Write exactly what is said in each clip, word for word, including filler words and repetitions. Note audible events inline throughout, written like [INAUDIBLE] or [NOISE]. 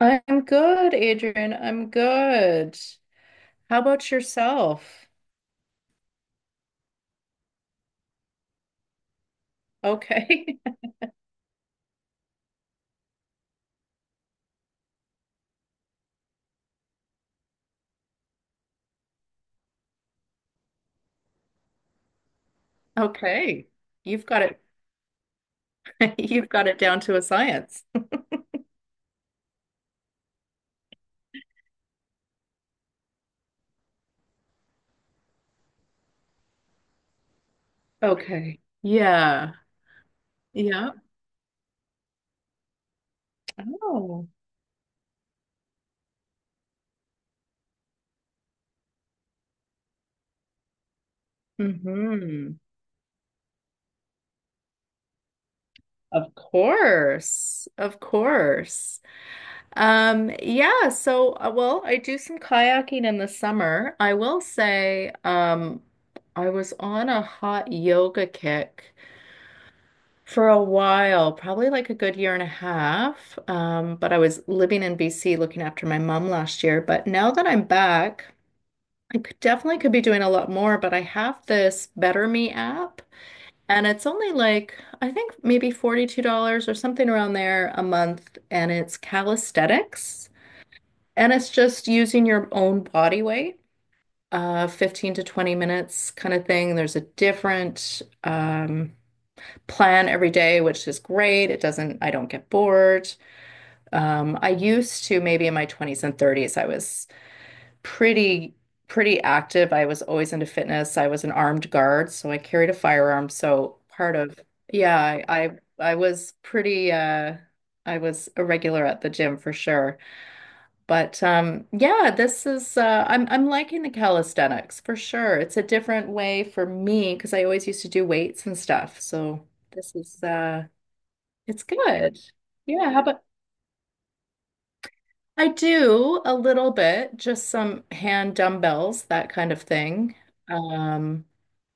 I'm good, Adrian. I'm good. How about yourself? Okay. [LAUGHS] Okay. You've got it. [LAUGHS] You've got it down to a science. Okay. Yeah. Yeah. Oh. Mm-hmm. Of course. Of course. Um, yeah, so uh, well, I do some kayaking in the summer. I will say, um, I was on a hot yoga kick for a while, probably like a good year and a half. Um, but I was living in B C looking after my mom last year. But now that I'm back, I could definitely could be doing a lot more, but I have this Better Me app and it's only like I think maybe forty-two dollars or something around there a month, and it's calisthenics, and it's just using your own body weight, uh fifteen to twenty minutes kind of thing. There's a different um plan every day, which is great. It doesn't, I don't get bored. Um, I used to, maybe in my twenties and thirties, I was pretty, pretty active. I was always into fitness. I was an armed guard, so I carried a firearm. So part of, yeah, I, I, I was pretty, uh, I was a regular at the gym for sure. But um, yeah, this is uh, I'm I'm liking the calisthenics for sure. It's a different way for me because I always used to do weights and stuff. So this is uh, it's good. Yeah, how about I do a little bit, just some hand dumbbells, that kind of thing. Um,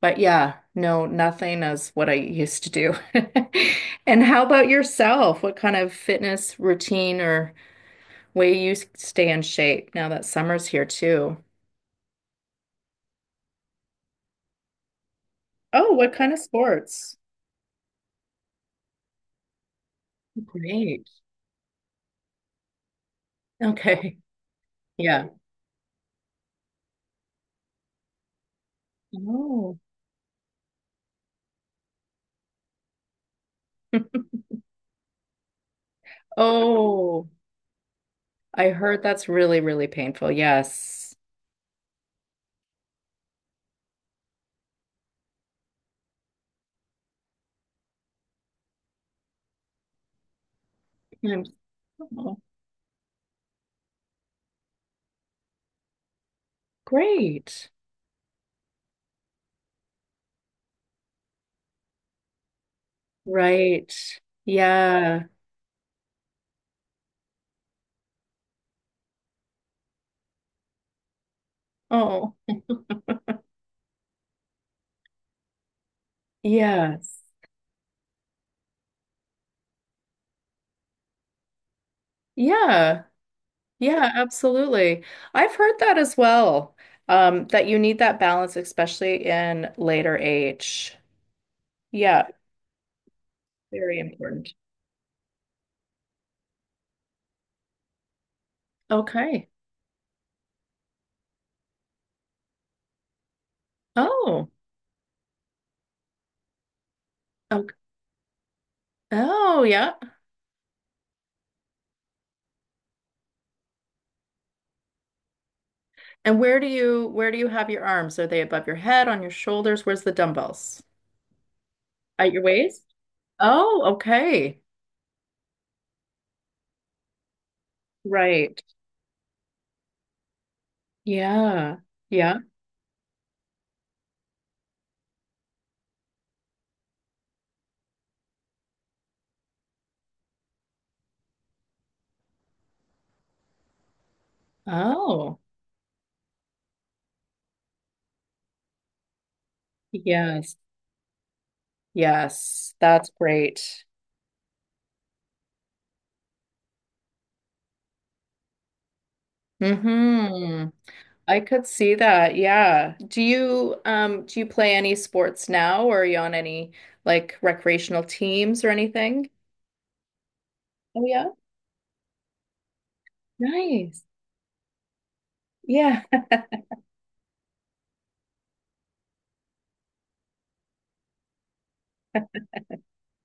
but yeah, no, nothing as what I used to do. [LAUGHS] And how about yourself? What kind of fitness routine or way you s- stay in shape now that summer's here too? Oh, what kind of sports? Great. Okay. Yeah. Oh. [LAUGHS] Oh, I heard that's really, really painful. Yes. I'm- Great. Right. Yeah. Oh, yes. Yeah. Yeah, absolutely. I've heard that as well. Um, that you need that balance, especially in later age. Yeah, very important. Okay. Oh. Okay. Oh, yeah. And where do you where do you have your arms? Are they above your head, on your shoulders? Where's the dumbbells? At your waist? Oh, okay. Right. Yeah. Yeah. Oh. Yes, yes, that's great. Mm-hmm. I could see that. Yeah. Do you um do you play any sports now, or are you on any like recreational teams or anything? Oh yeah. Nice. Yeah.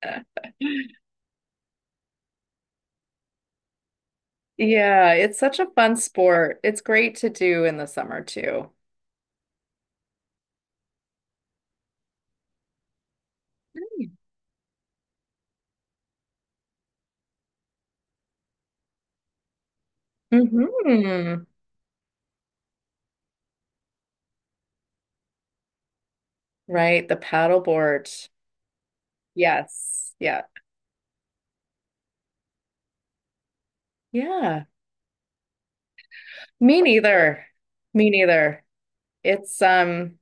[LAUGHS] Yeah, it's such a fun sport. It's great to do in the summer too. Mm-hmm. Right, the paddleboard. Yes. Yeah. Yeah. Me neither. Me neither. It's um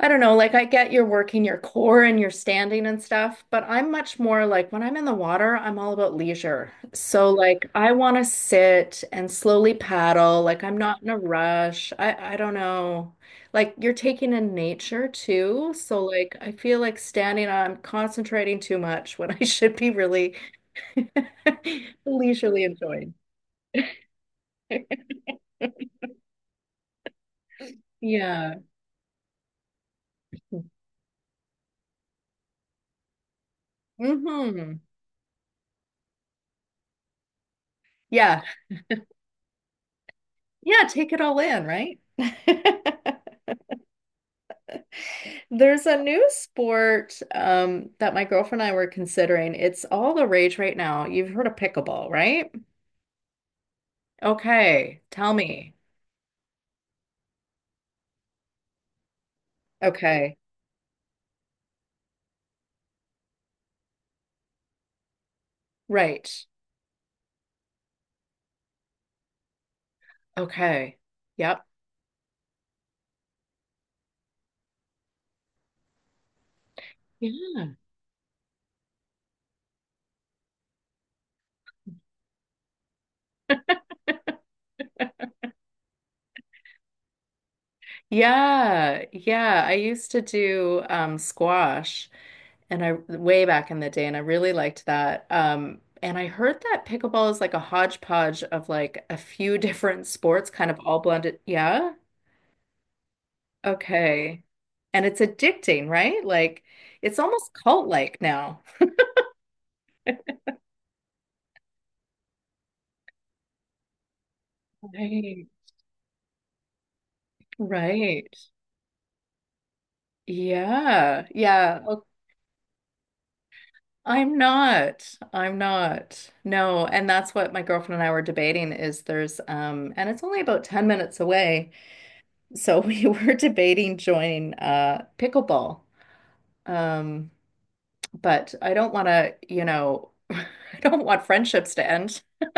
I don't know, like I get you're working your core and you're standing and stuff, but I'm much more like when I'm in the water, I'm all about leisure. So like I want to sit and slowly paddle, like I'm not in a rush. I I don't know. Like you're taking in nature too, so like I feel like standing I'm concentrating too much when I [LAUGHS] should be really [LAUGHS] leisurely enjoying. Yeah. hmm Yeah. Yeah, take it all in, right? [LAUGHS] There's a new sport um, that my girlfriend and I were considering. It's all the rage right now. You've heard of pickleball, right? Okay, tell me. Okay, right. Okay, yep. Yeah. Yeah, yeah. I used to do um, squash, and I way back in the day, and I really liked that. Um, and I heard that pickleball is like a hodgepodge of like a few [LAUGHS] different sports, kind of all blended. Yeah. Okay. And it's addicting, right? Like it's almost cult-like now. Right. Right. Yeah. Yeah. Oh, I'm not. I'm not. No. And that's what my girlfriend and I were debating is there's um and it's only about ten minutes away. So [LAUGHS] we were debating joining uh pickleball. Um, but I don't want to, you know, [LAUGHS] I don't want friendships to end. [LAUGHS]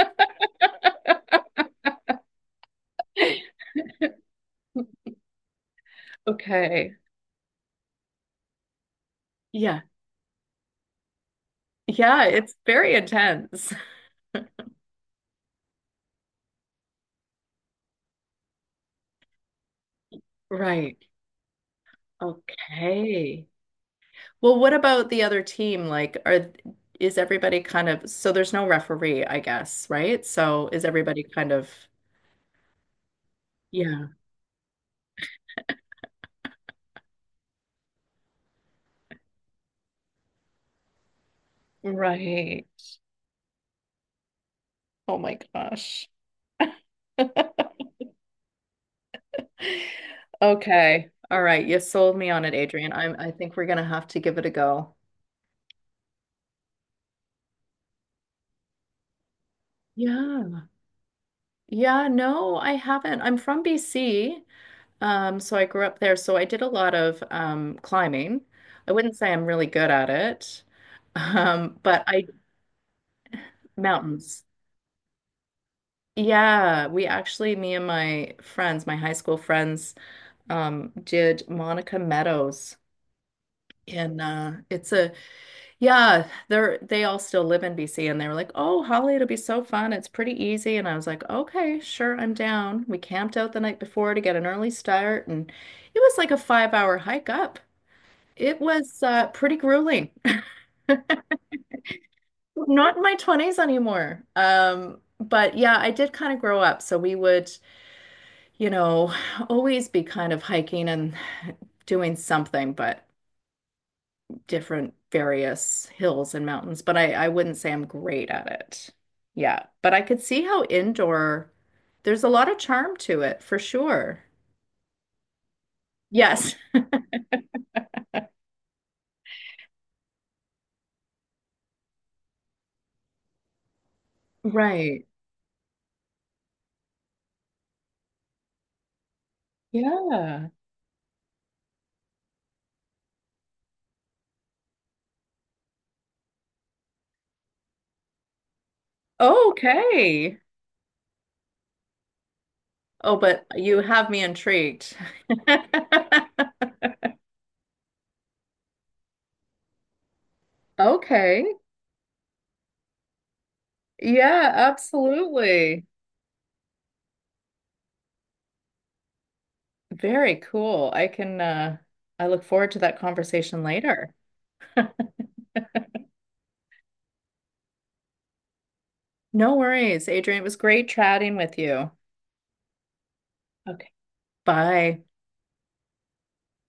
Okay. Yeah. Yeah, it's very intense. Right. Okay. Well, what about the other team? Like, are is everybody kind of so there's no referee, I guess, right? So is everybody kind of yeah. Right. Oh my gosh. [LAUGHS] Okay. All right. You sold me on it, Adrian. I'm I think we're gonna have to give it a go. Yeah. Yeah, no, I haven't. I'm from B C. Um, so I grew up there, so I did a lot of um, climbing. I wouldn't say I'm really good at it, um, but I mountains. Yeah, we actually, me and my friends, my high school friends, um, did Monica Meadows. And uh, it's a yeah, they're they all still live in B C, and they were like, "Oh, Holly, it'll be so fun. It's pretty easy." And I was like, "Okay, sure, I'm down." We camped out the night before to get an early start, and it was like a five hour hike up. It was uh, pretty grueling. [LAUGHS] Not in my twenties anymore. Um, but yeah, I did kind of grow up. So we would, you know, [SIGHS] always be kind of hiking and [SIGHS] doing something, but different various hills and mountains. But I, I wouldn't say I'm great at it. Yeah. But I could see how indoor, there's a lot of charm to it for sure. Yes. Right. Yeah. Okay. Oh, but you have me intrigued. [LAUGHS] Okay. Yeah, absolutely. Very cool. I can uh I look forward to that conversation later. [LAUGHS] No worries, Adrian. It was great chatting with you. Okay. Bye.